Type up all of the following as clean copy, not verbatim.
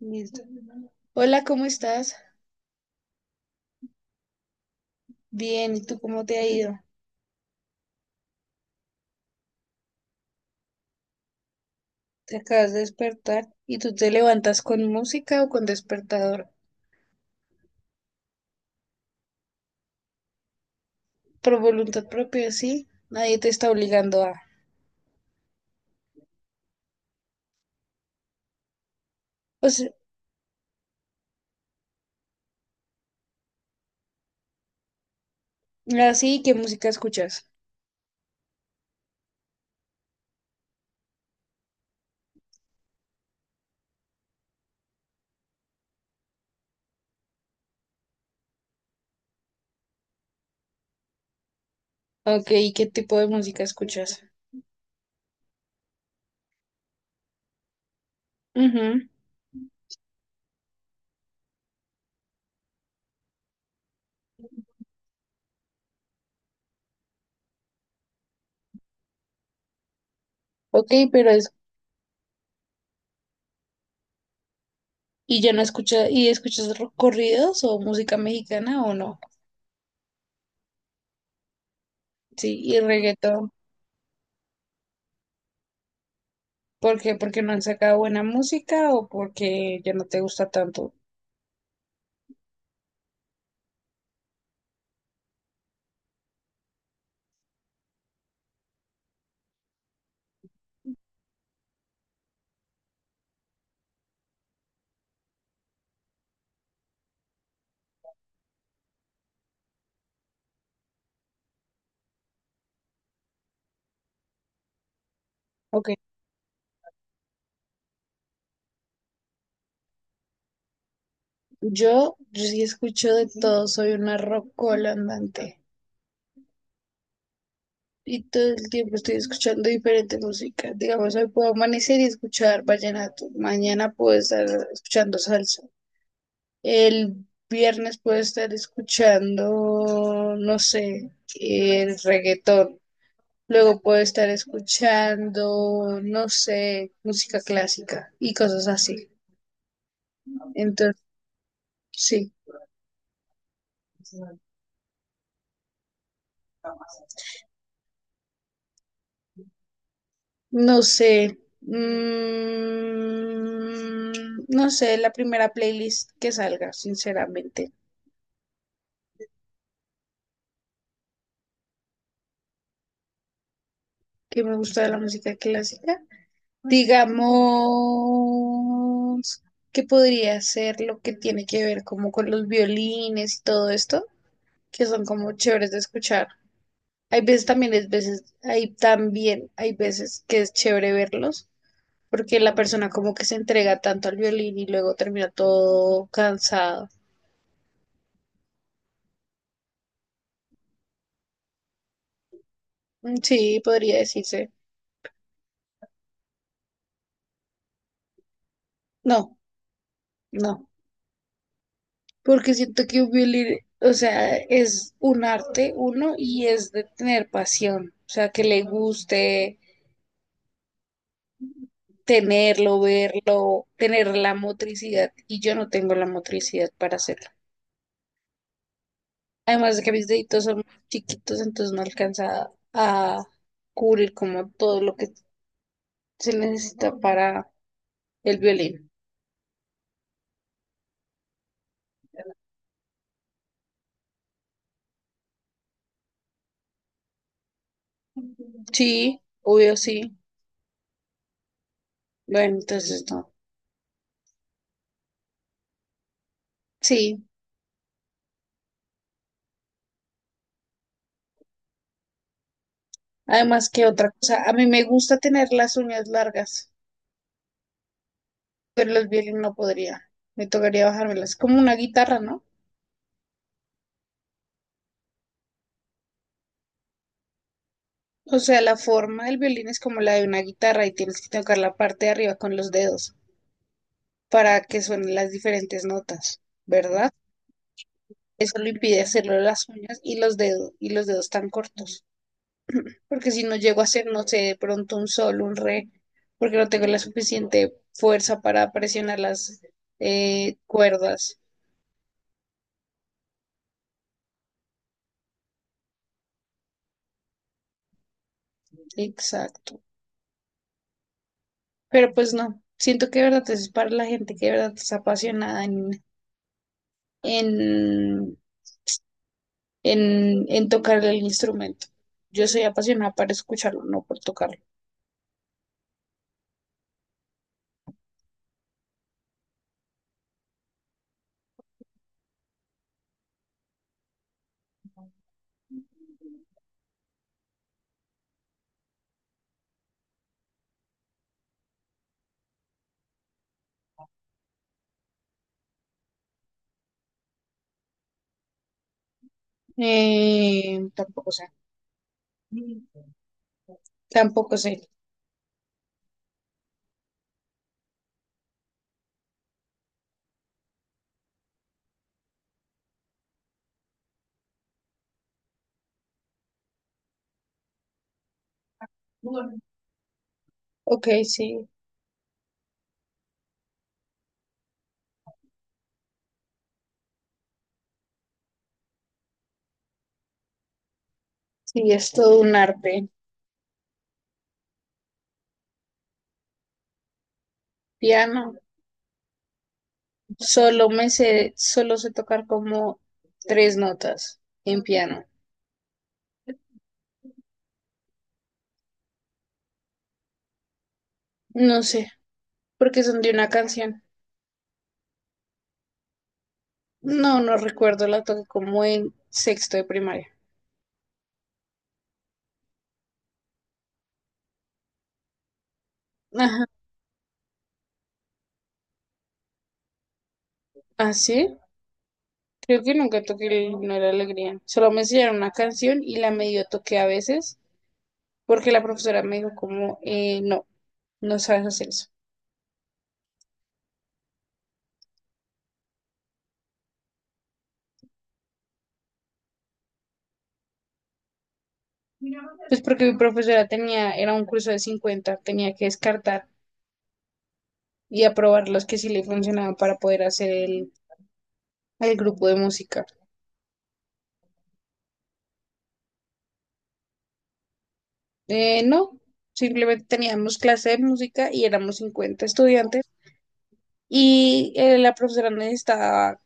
Listo. Hola, ¿cómo estás? Bien, ¿y tú cómo te ha ido? Te acabas de despertar y tú te levantas con música o con despertador. Por voluntad propia, sí. Nadie te está obligando a. O sea, así, ¿qué música escuchas? Ok, ¿y qué tipo de música escuchas? Mhm. Ok, pero es. ¿Y ya no escuchas? ¿Y escuchas corridos o música mexicana o no? Sí, y reggaetón. ¿Por qué? ¿Porque no han sacado buena música o porque ya no te gusta tanto? Ok. Yo sí escucho de todo, soy una rockola andante y todo el tiempo estoy escuchando diferente música. Digamos, hoy puedo amanecer y escuchar vallenato, mañana puedo estar escuchando salsa, el viernes puedo estar escuchando, no sé, el reggaetón. Luego puedo estar escuchando, no sé, música clásica y cosas así. Entonces, sí. No sé. No sé, la primera playlist que salga, sinceramente, que me gusta de la música clásica. Digamos que podría ser lo que tiene que ver como con los violines y todo esto, que son como chéveres de escuchar. Hay veces también, es veces, hay también, hay veces que es chévere verlos, porque la persona como que se entrega tanto al violín y luego termina todo cansado. Mm, sí, podría decirse. No, no, porque siento que un violín, o sea, es un arte, uno, y es de tener pasión, o sea, que le guste tenerlo, verlo, tener la motricidad, y yo no tengo la motricidad para hacerlo. Además de que mis deditos son muy chiquitos, entonces no alcanza a cubrir como todo lo que se necesita para el violín. Sí, obvio sí. Bueno, entonces no. Sí. Además, ¿que otra cosa? A mí me gusta tener las uñas largas, pero los violín no podría. Me tocaría bajármelas. Como una guitarra, ¿no? O sea, la forma del violín es como la de una guitarra y tienes que tocar la parte de arriba con los dedos para que suenen las diferentes notas, ¿verdad? Eso lo impide hacerlo las uñas y los dedos tan cortos. Porque si no llego a hacer, no sé, de pronto un sol, un re, porque no tengo la suficiente fuerza para presionar las cuerdas. Exacto. Pero pues no, siento que de verdad es para la gente que de verdad es apasionada en, en tocar el instrumento. Yo soy apasionada para escucharlo, no por tocarlo. Tampoco sé, tampoco sé. Ok, sí, sí, es todo un arte. Piano, solo sé tocar como tres notas en piano. No sé, porque son de una canción. No, no recuerdo, la toqué como en sexto de primaria. Ajá. ¿Ah, sí? Creo que nunca toqué el. No era alegría. Solo me enseñaron una canción y la medio toqué a veces porque la profesora me dijo como, no, no sabes hacer eso. Pues porque mi profesora tenía, era un curso de 50, tenía que descartar y aprobar los que sí le funcionaban para poder hacer el grupo de música. No, simplemente teníamos clase de música y éramos 50 estudiantes. Y la profesora necesitaba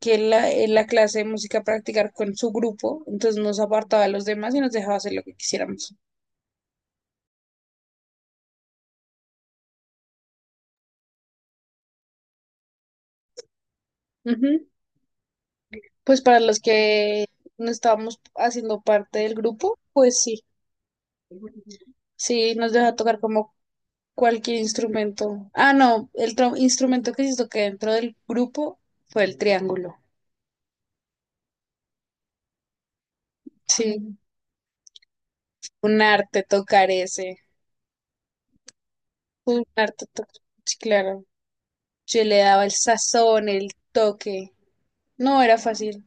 en la clase de música practicar con su grupo, entonces nos apartaba de los demás y nos dejaba hacer lo que quisiéramos. Ujú. Pues para los que no estábamos haciendo parte del grupo, pues sí, sí, nos deja tocar como cualquier instrumento. Ah, no, el instrumento que hizo que dentro del grupo fue el triángulo. Sí, un arte tocar ese, un arte tocar, sí, claro. Yo le daba el sazón, el toque. No era fácil.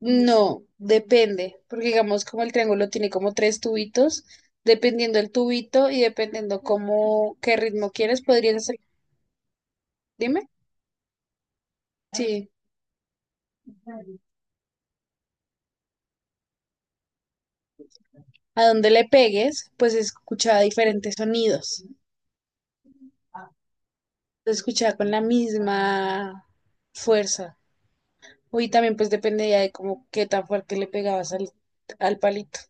No, depende, porque digamos como el triángulo tiene como tres tubitos, dependiendo el tubito y dependiendo cómo, qué ritmo quieres, podrías hacer, dime, sí, a dónde le pegues, pues escucha diferentes sonidos, se escucha con la misma fuerza. Y también pues dependía de cómo, qué tan fuerte le pegabas al palito.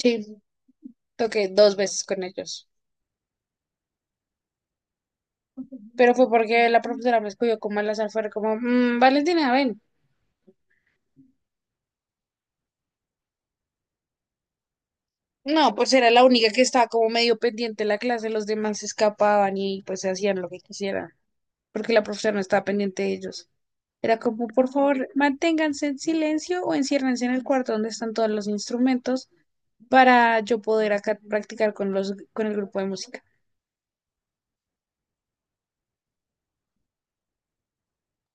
Sí, toqué dos veces con ellos, pero fue porque la profesora me escogió como al azar, fue como, "Mm, Valentina, ven. No, pues era la única que estaba como medio pendiente de la clase, los demás se escapaban y pues se hacían lo que quisieran, porque la profesora no estaba pendiente de ellos. Era como, por favor, manténganse en silencio o enciérrense en el cuarto donde están todos los instrumentos para yo poder acá practicar con con el grupo de música.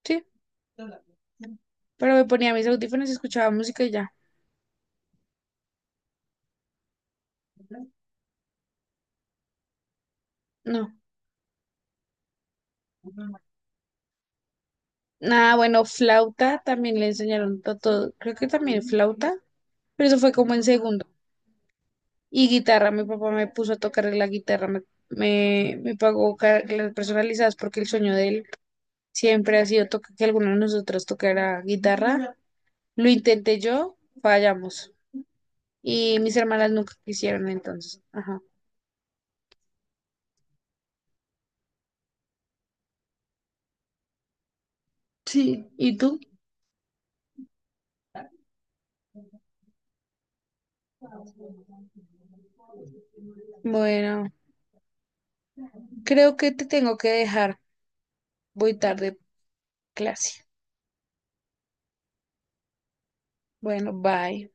Sí, pero me ponía mis audífonos y escuchaba música y ya. No. Nada, bueno, flauta también le enseñaron a todo, creo que también flauta, pero eso fue como en segundo. Y guitarra. Mi papá me puso a tocar la guitarra, me pagó clases personalizadas porque el sueño de él siempre ha sido que alguno de nosotros tocara guitarra. Lo intenté yo, fallamos. Y mis hermanas nunca quisieron entonces. Ajá. Sí, ¿y tú? Bueno, creo que te tengo que dejar. Voy tarde, clase. Bueno, bye.